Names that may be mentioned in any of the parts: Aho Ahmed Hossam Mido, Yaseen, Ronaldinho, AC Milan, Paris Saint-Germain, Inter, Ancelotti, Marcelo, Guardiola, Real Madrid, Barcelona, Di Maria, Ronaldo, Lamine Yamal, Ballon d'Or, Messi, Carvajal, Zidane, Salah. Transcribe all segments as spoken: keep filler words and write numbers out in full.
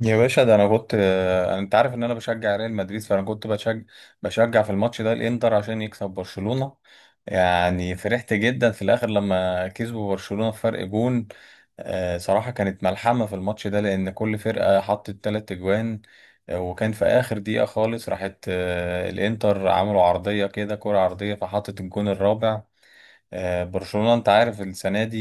يا باشا، ده انا كنت آه، انت عارف ان انا بشجع ريال مدريد، فانا كنت بشجع بشجع في الماتش ده الانتر عشان يكسب برشلونة. يعني فرحت جدا في الاخر لما كسبوا برشلونة فرق جون. آه، صراحة كانت ملحمة في الماتش ده، لان كل فرقة حطت تلات اجوان. آه، وكان في اخر دقيقة خالص راحت، آه، الانتر عملوا عرضية كده، كرة عرضية، فحطت الجون الرابع. آه، برشلونة، انت عارف السنة دي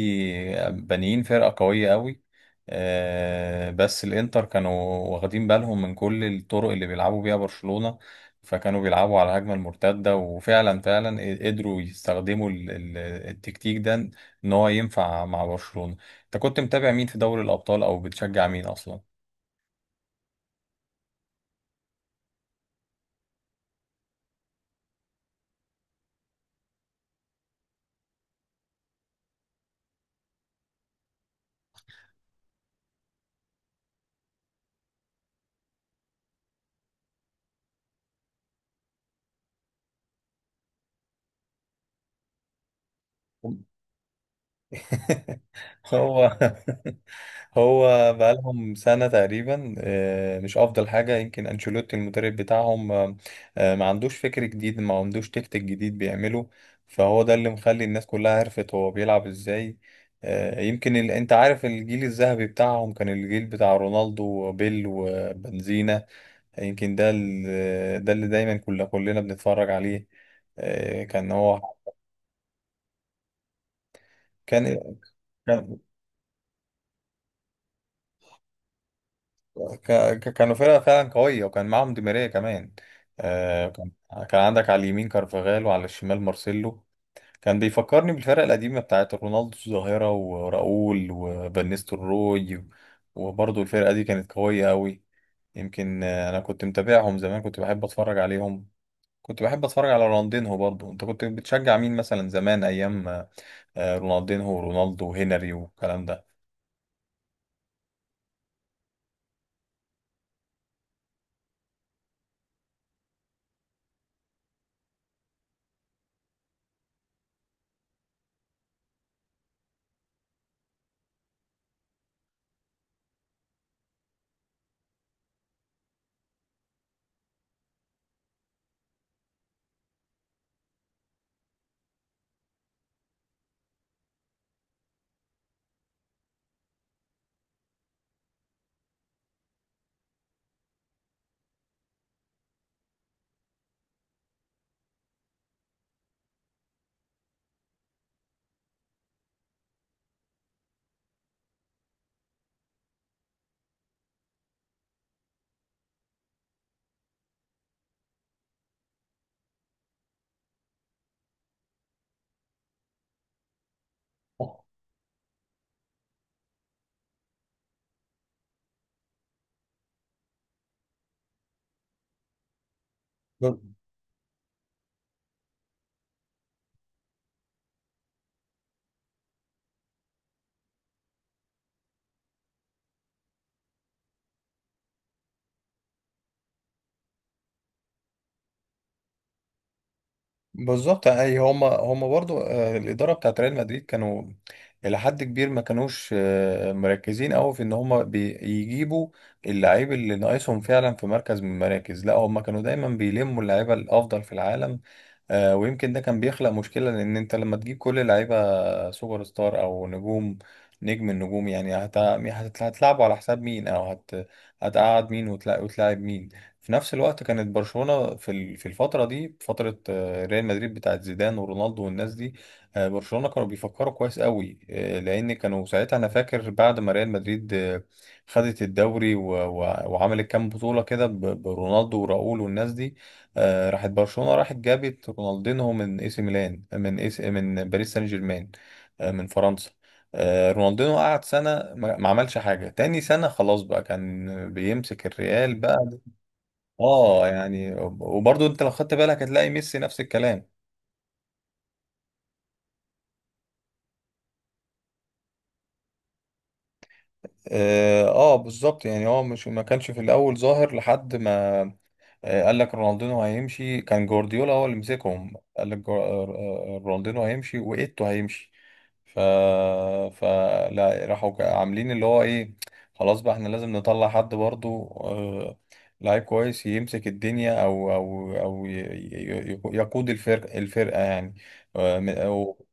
بانيين فرقة قوية قوي. آه، بس الانتر كانوا واخدين بالهم من كل الطرق اللي بيلعبوا بيها برشلونة. فكانوا بيلعبوا على الهجمة المرتدة، وفعلا فعلا قدروا يستخدموا ال- ال- التكتيك ده، ان هو ينفع مع برشلونة. انت كنت متابع مين في دوري الابطال، او بتشجع مين اصلا؟ هو هو بقالهم سنة تقريبا، آه، مش أفضل حاجة. يمكن أنشيلوتي المدرب بتاعهم، آه، آه، ما عندوش فكر جديد، ما عندوش تكتيك جديد بيعمله. فهو ده اللي مخلي الناس كلها عرفت هو بيلعب إزاي. آه، يمكن ال... أنت عارف الجيل الذهبي بتاعهم كان الجيل بتاع رونالدو وبيل وبنزينا. يمكن ده ال... ده اللي دايما كل... كلنا بنتفرج عليه. آه، كان هو. كان كان ك... ك- كانوا فرقة فعلا قوية، وكان معاهم دي ماريا كمان. آه كان كان عندك على اليمين كارفاغال، وعلى الشمال مارسيلو. كان بيفكرني بالفرقة القديمة بتاعت رونالدو الظاهرة وراؤول وفانيستو روي. وبرضه الفرقة دي كانت قوية أوي. يمكن، آه، أنا كنت متابعهم زمان، كنت بحب أتفرج عليهم. كنت بحب أتفرج على رونالدينهو برضه. أنت كنت بتشجع مين مثلا، زمان أيام آه، رونالدينهو ورونالدو وهنري والكلام ده؟ بالظبط. اي، هم هم برضو، آه، الاداره بتاعت ريال مدريد كانوا الى حد كبير ما كانوش آه، مركزين قوي في ان هم بيجيبوا اللعيب اللي ناقصهم فعلا في مركز من المراكز. لا، هم كانوا دايما بيلموا اللعيبه الافضل في العالم. آه، ويمكن ده كان بيخلق مشكلة، لأن أنت لما تجيب كل لعيبة سوبر ستار أو نجوم نجم النجوم، يعني هت... هت... هتلعبوا على حساب مين، أو هت... هتقعد مين وتلا... وتلاعب مين؟ في نفس الوقت كانت برشلونة في ال- في الفترة دي، فترة آه، ريال مدريد بتاعت زيدان ورونالدو والناس دي، آه، برشلونة كانوا بيفكروا كويس قوي، آه، لأن كانوا ساعتها. أنا فاكر بعد ما ريال مدريد آه، خدت الدوري و... و... وعملت كام بطولة كده ب... برونالدو وراؤول والناس دي، آه، راحت برشلونة، راحت جابت رونالدينو من اي سي ميلان، من اي سي، من باريس سان جيرمان، آه، من فرنسا. آه، رونالدينو قعد سنة ما ما عملش حاجة. تاني سنة خلاص بقى، كان بيمسك الريال بقى. اه، يعني وبرضه انت لو خدت بالك هتلاقي ميسي نفس الكلام. اه، آه، بالظبط. يعني هو مش ما كانش في الاول ظاهر، لحد ما آه، قال لك رونالدينو هيمشي. كان جوارديولا هو اللي مسكهم، قال لك جوا- آه، آه، رونالدينو هيمشي وإيتو هيمشي. ف فلا، راحوا ك- عاملين اللي هو ايه، خلاص بقى احنا لازم نطلع حد برضو، آه، لعيب كويس يمسك الدنيا، او او او ي- ي- ي- يقود الفرق الفرقة يعني، آه، م- أو.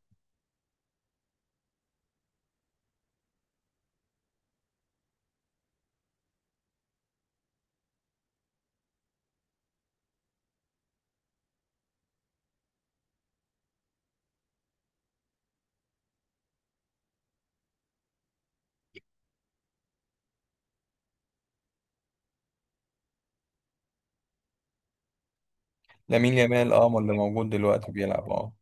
لامين يامال، اه، هو اللي موجود دلوقتي بيلعب، اه.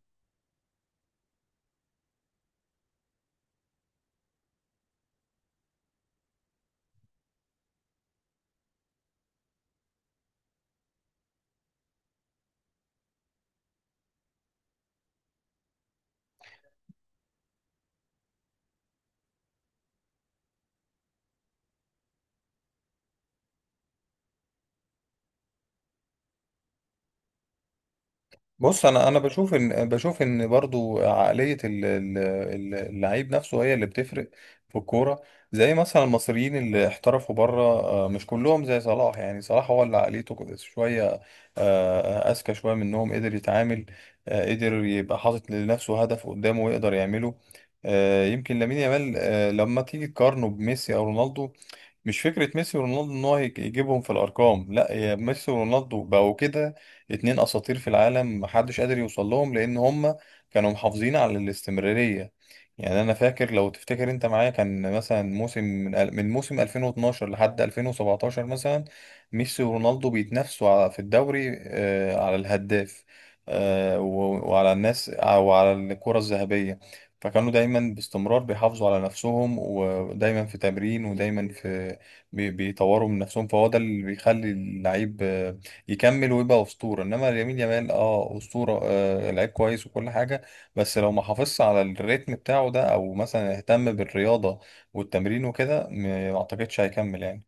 بص، انا انا بشوف ان بشوف ان برضو عقليه ال- ال- ال- اللعيب نفسه هي اللي بتفرق في الكوره. زي مثلا المصريين اللي احترفوا بره، آه، مش كلهم زي صلاح. يعني صلاح هو اللي عقليته كو- شويه، آه، اذكى شويه منهم، قدر يتعامل، آه، قدر يبقى حاطط لنفسه هدف قدامه ويقدر يعمله. آه، يمكن لامين يامال آه، لما تيجي تقارنه بميسي او رونالدو، مش فكرة ميسي ورونالدو ان هو هيك- يجيبهم في الارقام. لا، يا ميسي ورونالدو بقوا كده اتنين اساطير في العالم، محدش قادر يوصل لهم، لان هم كانوا محافظين على الاستمرارية. يعني انا فاكر، لو تفتكر انت معايا، كان مثلا موسم من ال- من موسم ألفين واتناشر لحد ألفين وسبعتاشر مثلا، ميسي ورونالدو بيتنافسوا على- في الدوري، آه، على الهداف، آه، و- وعلى الناس وعلى الكرة الذهبية. فكانوا دايما باستمرار بيحافظوا على نفسهم، ودايما في تمرين، ودايما في بي- بيطوروا من نفسهم. فهو ده اللي بيخلي اللعيب آه، يكمل ويبقى أسطورة. إنما يمين يامال، أه، أسطورة، آه، لعيب كويس وكل حاجة، بس لو ما حافظش على الريتم بتاعه ده، أو مثلا اهتم بالرياضة والتمرين وكده، م- ما أعتقدش هيكمل يعني.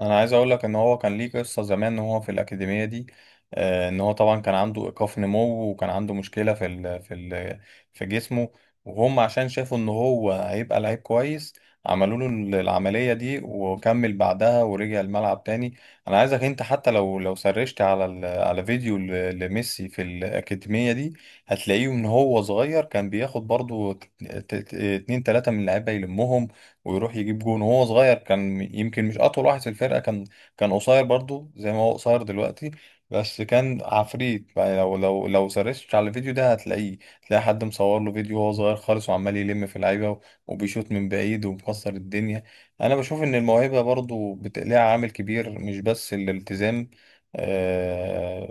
انا عايز اقول لك ان هو كان ليه قصه زمان وهو في الاكاديميه دي، آه، ان هو طبعا كان عنده ايقاف نمو، وكان عنده مشكله في ال في ال في جسمه. وهم عشان شافوا ان هو هيبقى لعيب كويس، عملوا له ال- العمليه دي، وكمل بعدها ورجع الملعب تاني. انا عايزك انت، حتى لو لو سرشت على ال- على فيديو ل- لميسي في الاكاديميه دي، هتلاقيه ان هو صغير كان بياخد برضو ت- ت- ت- اتنين تلاته من اللعيبه، يلمهم ويروح يجيب جون. وهو صغير كان، يمكن مش اطول واحد في الفرقه، كان كان قصير برضو زي ما هو قصير دلوقتي. بس كان عفريت. يعني لو لو لو سرشت على الفيديو ده هتلاقيه، تلاقي حد مصور له فيديو وهو صغير خالص، وعمال يلم في لعيبه، وبيشوط من بعيد ومكسر الدنيا. انا بشوف ان الموهبه برضو بت- ليها عامل كبير، مش بس الالتزام. آه،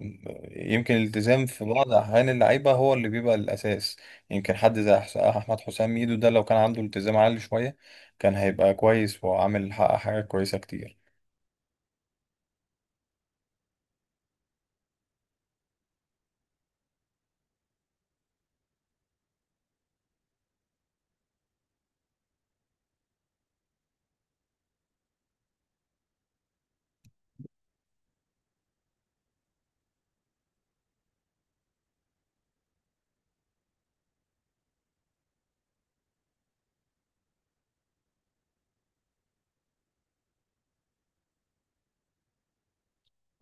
يمكن الالتزام في بعض احيان اللعيبه هو اللي بيبقى الاساس. يمكن حد زي أح- احمد حسام ميدو ده، لو كان عنده التزام عالي شويه، كان هيبقى كويس وعامل، حقق حاجات كويسة كتير.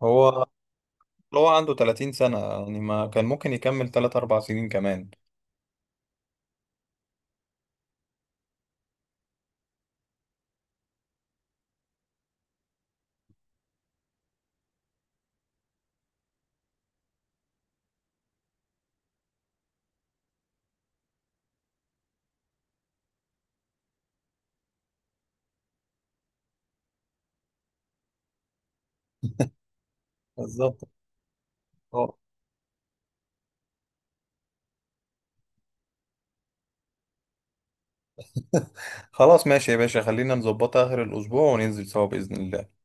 هو هو عنده تلاتين سنة، يعني ما كان ممكن يكمل تلاتة اربعة سنين كمان. بالظبط. اه، خلاص ماشي يا باشا، خلينا نظبطها آخر الأسبوع وننزل سوا بإذن الله.